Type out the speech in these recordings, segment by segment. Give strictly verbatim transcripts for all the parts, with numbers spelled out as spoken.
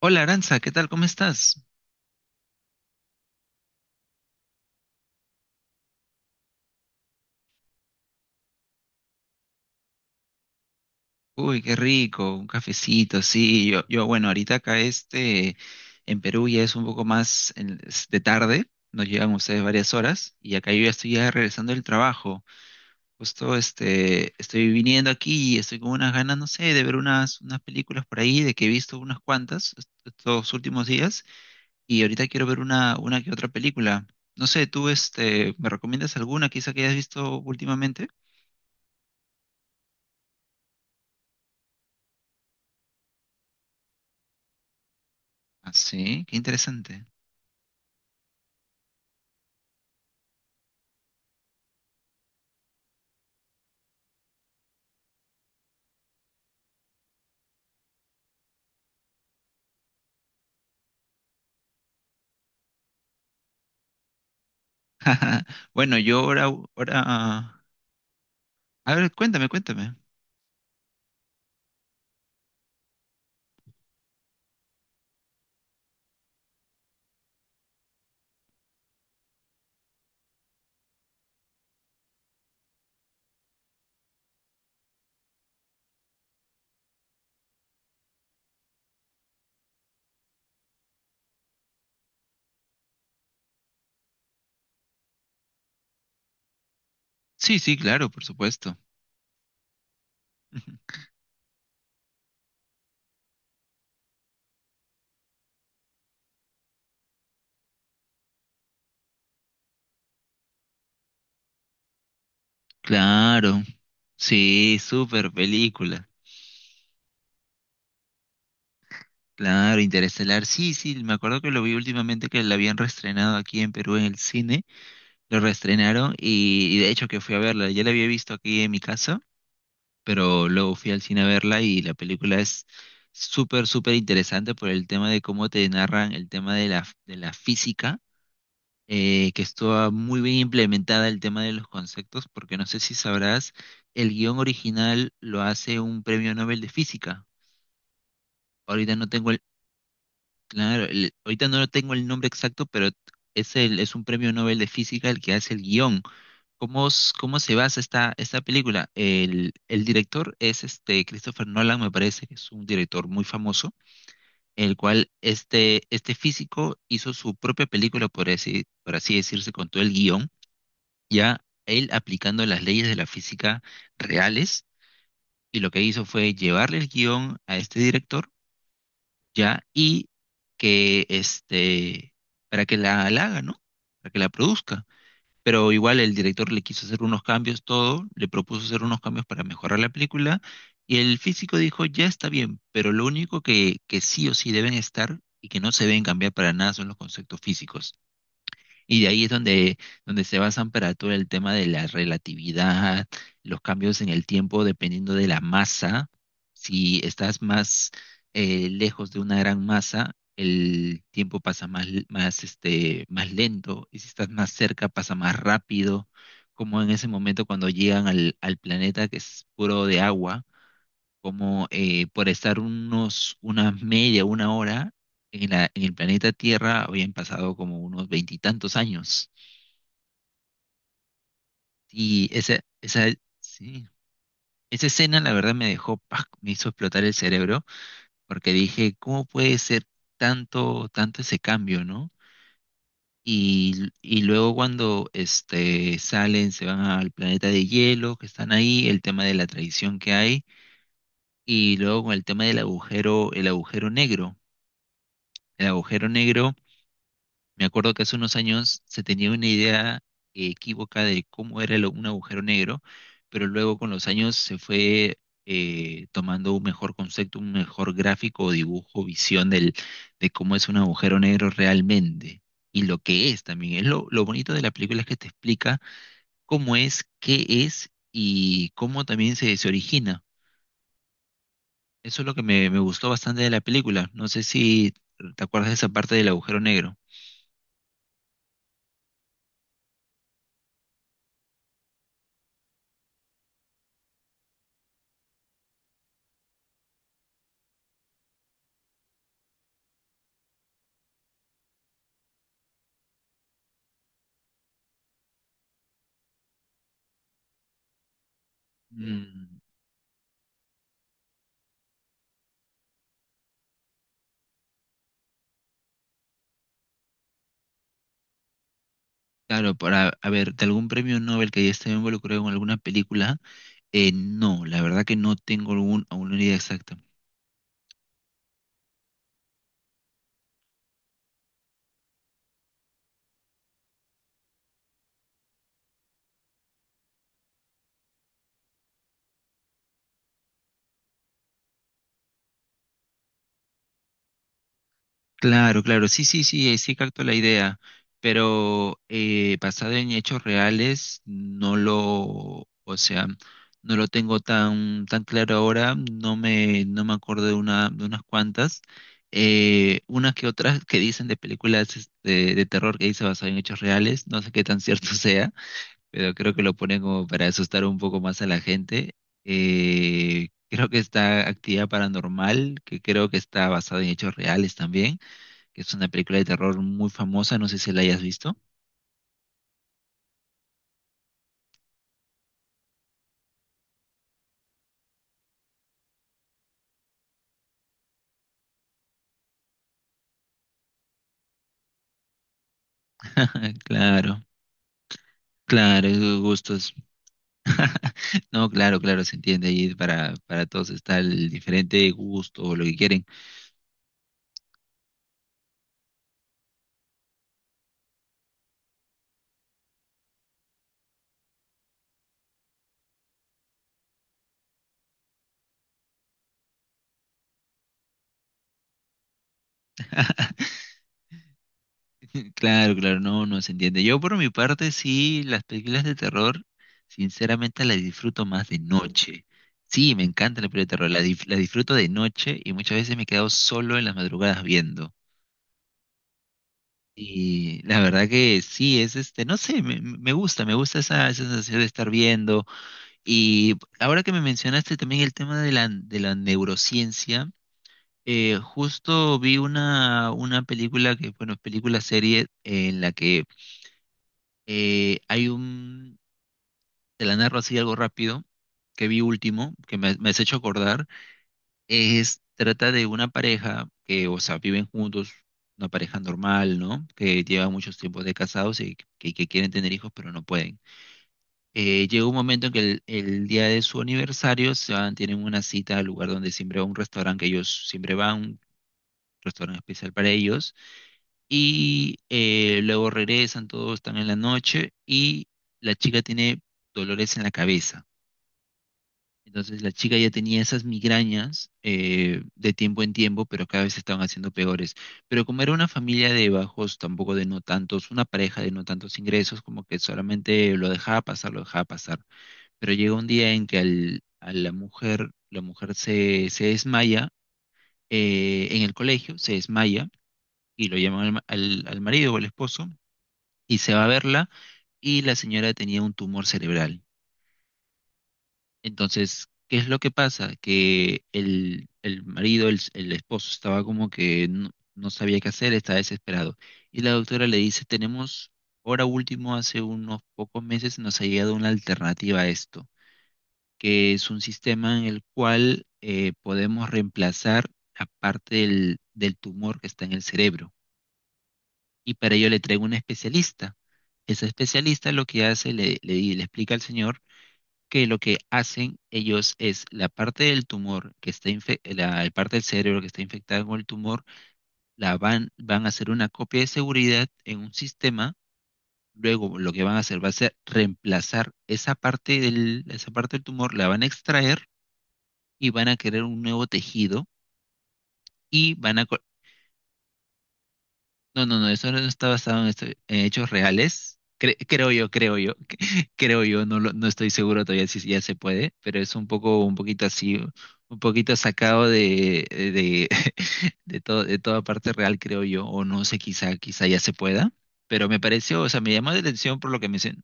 Hola, Aranza, ¿qué tal? ¿Cómo estás? Uy, qué rico, un cafecito, sí. Yo, yo bueno, ahorita acá este, en Perú ya es un poco más en- es de tarde, nos llegan ustedes varias horas y acá yo ya estoy ya regresando del trabajo. Justo este, estoy viniendo aquí y estoy con unas ganas, no sé, de ver unas, unas películas por ahí, de que he visto unas cuantas est- estos últimos días y ahorita quiero ver una, una que otra película. No sé, tú este, ¿me recomiendas alguna quizá que hayas visto últimamente? Ah, sí, qué interesante. Bueno, yo ahora, ahora... A ver, cuéntame, cuéntame. Sí, sí, claro, por supuesto. Claro. Sí, súper película. Claro, Interestelar. Sí, sí, me acuerdo que lo vi últimamente que la habían reestrenado aquí en Perú en el cine. Lo reestrenaron y, y de hecho que fui a verla. Ya la había visto aquí en mi casa, pero luego fui al cine a verla y la película es súper, súper interesante por el tema de cómo te narran el tema de la, de la física, eh, que estuvo muy bien implementada el tema de los conceptos, porque no sé si sabrás, el guión original lo hace un premio Nobel de física. Ahorita no tengo el, claro, el- ahorita no tengo el nombre exacto, pero es el, es un premio Nobel de física el que hace el guión. ¿Cómo, s- cómo se basa esta, esta película? El, el director es este Christopher Nolan, me parece que es un director muy famoso, el cual este, este físico hizo su propia película, por así, por así decirse, con todo el guión ya él aplicando las leyes de la física reales, y lo que hizo fue llevarle el guión a este director, ya, y que este, para que la, la haga, ¿no? Para que la produzca. Pero igual el director le quiso hacer unos cambios, todo, le propuso hacer unos cambios para mejorar la película, y el físico dijo, ya está bien, pero lo único que, que sí o sí deben estar y que no se deben cambiar para nada son los conceptos físicos. Y de ahí es donde, donde se basan para todo el tema de la relatividad, los cambios en el tiempo dependiendo de la masa. Si estás más eh, lejos de una gran masa, el tiempo pasa más, l- más, este, más lento, y si estás más cerca, pasa más rápido, como en ese momento cuando llegan al, al planeta que es puro de agua, como eh, por estar unos, una media, una hora en la- en el planeta Tierra habían pasado como unos veintitantos años. Y esa, esa, sí, esa escena la verdad me dejó, ¡pac!, me hizo explotar el cerebro, porque dije, ¿cómo puede ser tanto, tanto ese cambio, ¿no? Y, y luego cuando este, salen, se van al planeta de hielo, que están ahí, el tema de la traición que hay, y luego con el tema del agujero, el agujero negro. El agujero negro, me acuerdo que hace unos años se tenía una idea eh, equívoca de cómo era lo- un agujero negro, pero luego con los años se fue eh, tomando un mejor concepto, un mejor gráfico o dibujo, visión del, de cómo es un agujero negro realmente y lo que es también. Es lo, lo bonito de la película es que te explica cómo es, qué es y cómo también se, se origina. Eso es lo que me, me gustó bastante de la película. No sé si te acuerdas de esa parte del agujero negro. Mm. Claro, para, a ver, de algún premio Nobel que haya estado involucrado en alguna película, eh, no, la verdad que no tengo algún, alguna idea exacta. Claro, claro, sí, sí, sí, eh, sí capto la idea, pero eh, basado en hechos reales, no lo, o sea, no lo tengo tan, tan claro ahora, no me, no me acuerdo de una, de unas cuantas, eh, unas que otras que dicen de películas este, de terror que dice basado en hechos reales, no sé qué tan cierto sea, pero creo que lo ponen como para asustar un poco más a la gente. Eh, creo que está Actividad Paranormal, que creo que está basada en hechos reales también, que es una película de terror muy famosa, no sé si la hayas visto. Claro, claro, esos gustos. No, claro, claro, se entiende ahí para, para todos está el diferente gusto o lo que quieren. Claro, claro, no, no se entiende. Yo por mi parte sí, las películas de terror, sinceramente las disfruto más de noche. Sí, me encanta la película de terror, la, dif- la disfruto de noche y muchas veces me he quedado solo en las madrugadas viendo. Y la verdad que sí, es este, no sé, me, me gusta, me gusta esa, esa sensación de estar viendo. Y ahora que me mencionaste también el tema de la, de la neurociencia, eh, justo vi una, una película que, bueno, película serie en la que Eh, hay un, te la narro así algo rápido, que vi último, que me, me has hecho acordar, es, trata de una pareja que, o sea, viven juntos, una pareja normal, ¿no? Que lleva muchos tiempos de casados y que, que quieren tener hijos, pero no pueden. Eh, llega un momento en que el, el día de su aniversario se van, tienen una cita al lugar donde siempre va un restaurante que ellos siempre van, un restaurante especial para ellos. Y eh, luego regresan, todos están en la noche y la chica tiene dolores en la cabeza. Entonces la chica ya tenía esas migrañas, eh, de tiempo en tiempo, pero cada vez se estaban haciendo peores. Pero como era una familia de bajos, tampoco de no tantos, una pareja de no tantos ingresos, como que solamente lo dejaba pasar, lo dejaba pasar. Pero llega un día en que al- a la mujer, la mujer se, se desmaya eh, en el colegio, se desmaya, y lo llaman al ma- al al marido o al esposo, y se va a verla, y la señora tenía un tumor cerebral. Entonces, ¿qué es lo que pasa? Que el, el marido, el, el esposo, estaba como que no, no sabía qué hacer, estaba desesperado. Y la doctora le dice, tenemos, ahora último, hace unos pocos meses nos ha llegado una alternativa a esto, que es un sistema en el cual eh, podemos reemplazar la parte del, del tumor que está en el cerebro, y para ello le traigo un especialista. Ese especialista lo que hace, le, le, le explica al señor que lo que hacen ellos es la parte del tumor que está infe- la, la parte del cerebro que está infectada con el tumor, la van, van a hacer una copia de seguridad en un sistema. Luego lo que van a hacer va a ser reemplazar esa parte del, esa parte del tumor, la van a extraer y van a querer un nuevo tejido y van a... No, no, no, eso no está basado en, esto- en hechos reales. Cre- creo yo, creo yo, creo yo, no, lo- no estoy seguro todavía si ya se puede, pero es un poco, un poquito así, un poquito sacado de, de, de, todo, de toda parte real, creo yo, o no sé, quizá, quizá ya se pueda, pero me pareció, o sea, me llamó la atención por lo que mencion-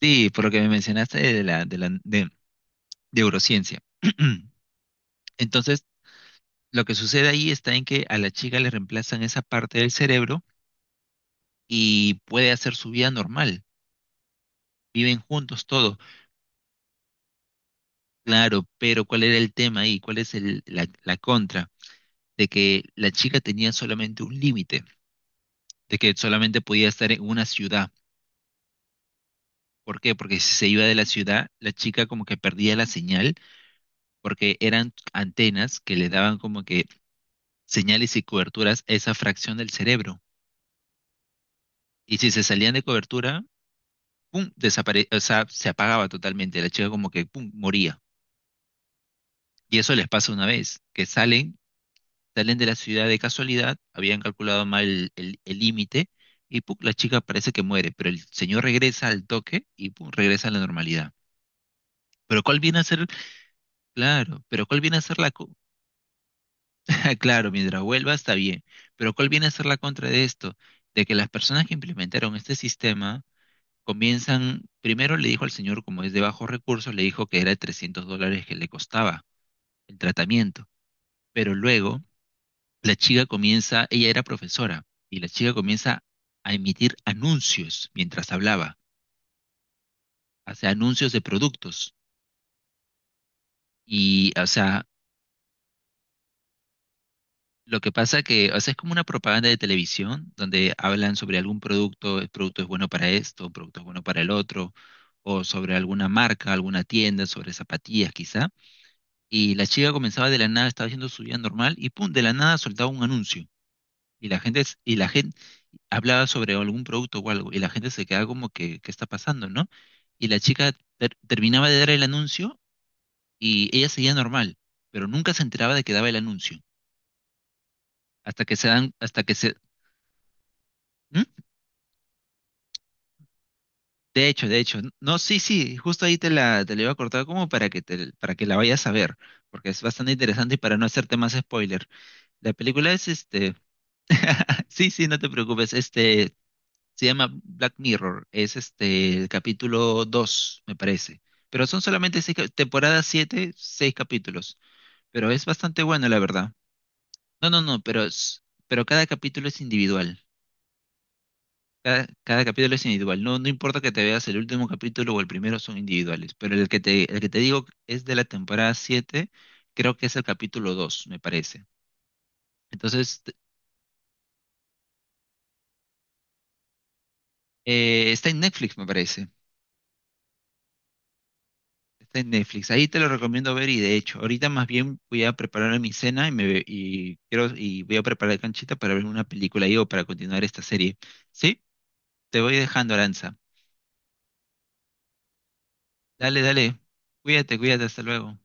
sí, por lo que me mencionaste de la, de la, de, de neurociencia. Entonces, lo que sucede ahí está en que a la chica le reemplazan esa parte del cerebro y puede hacer su vida normal. Viven juntos todos, claro, pero ¿cuál era el tema ahí? ¿Cuál es el, la, la contra? De que la chica tenía solamente un límite, de que solamente podía estar en una ciudad. ¿Por qué? Porque si se iba de la ciudad, la chica como que perdía la señal, porque eran antenas que le daban como que señales y coberturas a esa fracción del cerebro. Y si se salían de cobertura, pum, desapare, o sea, se apagaba totalmente. La chica como que pum, moría. Y eso les pasa una vez, que salen salen de la ciudad de casualidad, habían calculado mal el el el límite, y pum, la chica parece que muere, pero el señor regresa al toque y pum, regresa a la normalidad. Pero ¿cuál viene a ser? Claro, pero ¿cuál viene a ser la... co- claro, mientras vuelva está bien, pero ¿cuál viene a ser la contra de esto? De que las personas que implementaron este sistema comienzan, primero le dijo al señor, como es de bajos recursos, le dijo que era trescientos dólares que le costaba el tratamiento, pero luego la chica comienza, ella era profesora, y la chica comienza a emitir anuncios mientras hablaba, o sea, anuncios de productos. Y, o sea, lo que pasa que, o sea, es como una propaganda de televisión donde hablan sobre algún producto, el producto es bueno para esto, el producto es bueno para el otro, o sobre alguna marca, alguna tienda, sobre zapatillas quizá. Y la chica comenzaba de la nada, estaba haciendo su vida normal y pum, de la nada soltaba un anuncio. Y la gente, es- y la gente hablaba sobre algún producto o algo y la gente se quedaba como que, ¿qué está pasando, no? Y la chica ter- terminaba de dar el anuncio y ella seguía normal, pero nunca se enteraba de que daba el anuncio. Hasta que se dan, hasta que se... ¿Mm? De hecho, de hecho, no, sí, sí, justo ahí te la, te la iba a cortar como para que te, para que la vayas a ver, porque es bastante interesante y para no hacerte más spoiler. La película es este, sí, sí, no te preocupes, este, se llama Black Mirror, es este el capítulo dos me parece. Pero son solamente seis, cap- temporada siete, seis capítulos. Pero es bastante bueno, la verdad. No, no, no, pero, es- pero cada capítulo es individual. Cada, cada capítulo es individual. No, no importa que te veas el último capítulo o el primero, son individuales. Pero el que te, el que te digo es de la temporada siete, creo que es el capítulo dos me parece. Entonces, eh, está en Netflix, me parece. Está en Netflix. Ahí te lo recomiendo ver y de hecho, ahorita más bien voy a preparar mi cena y me ve- y quiero y voy a preparar canchita para ver una película ahí o para continuar esta serie. ¿Sí? Te voy dejando, Aranza. Dale, dale. Cuídate, cuídate, hasta luego.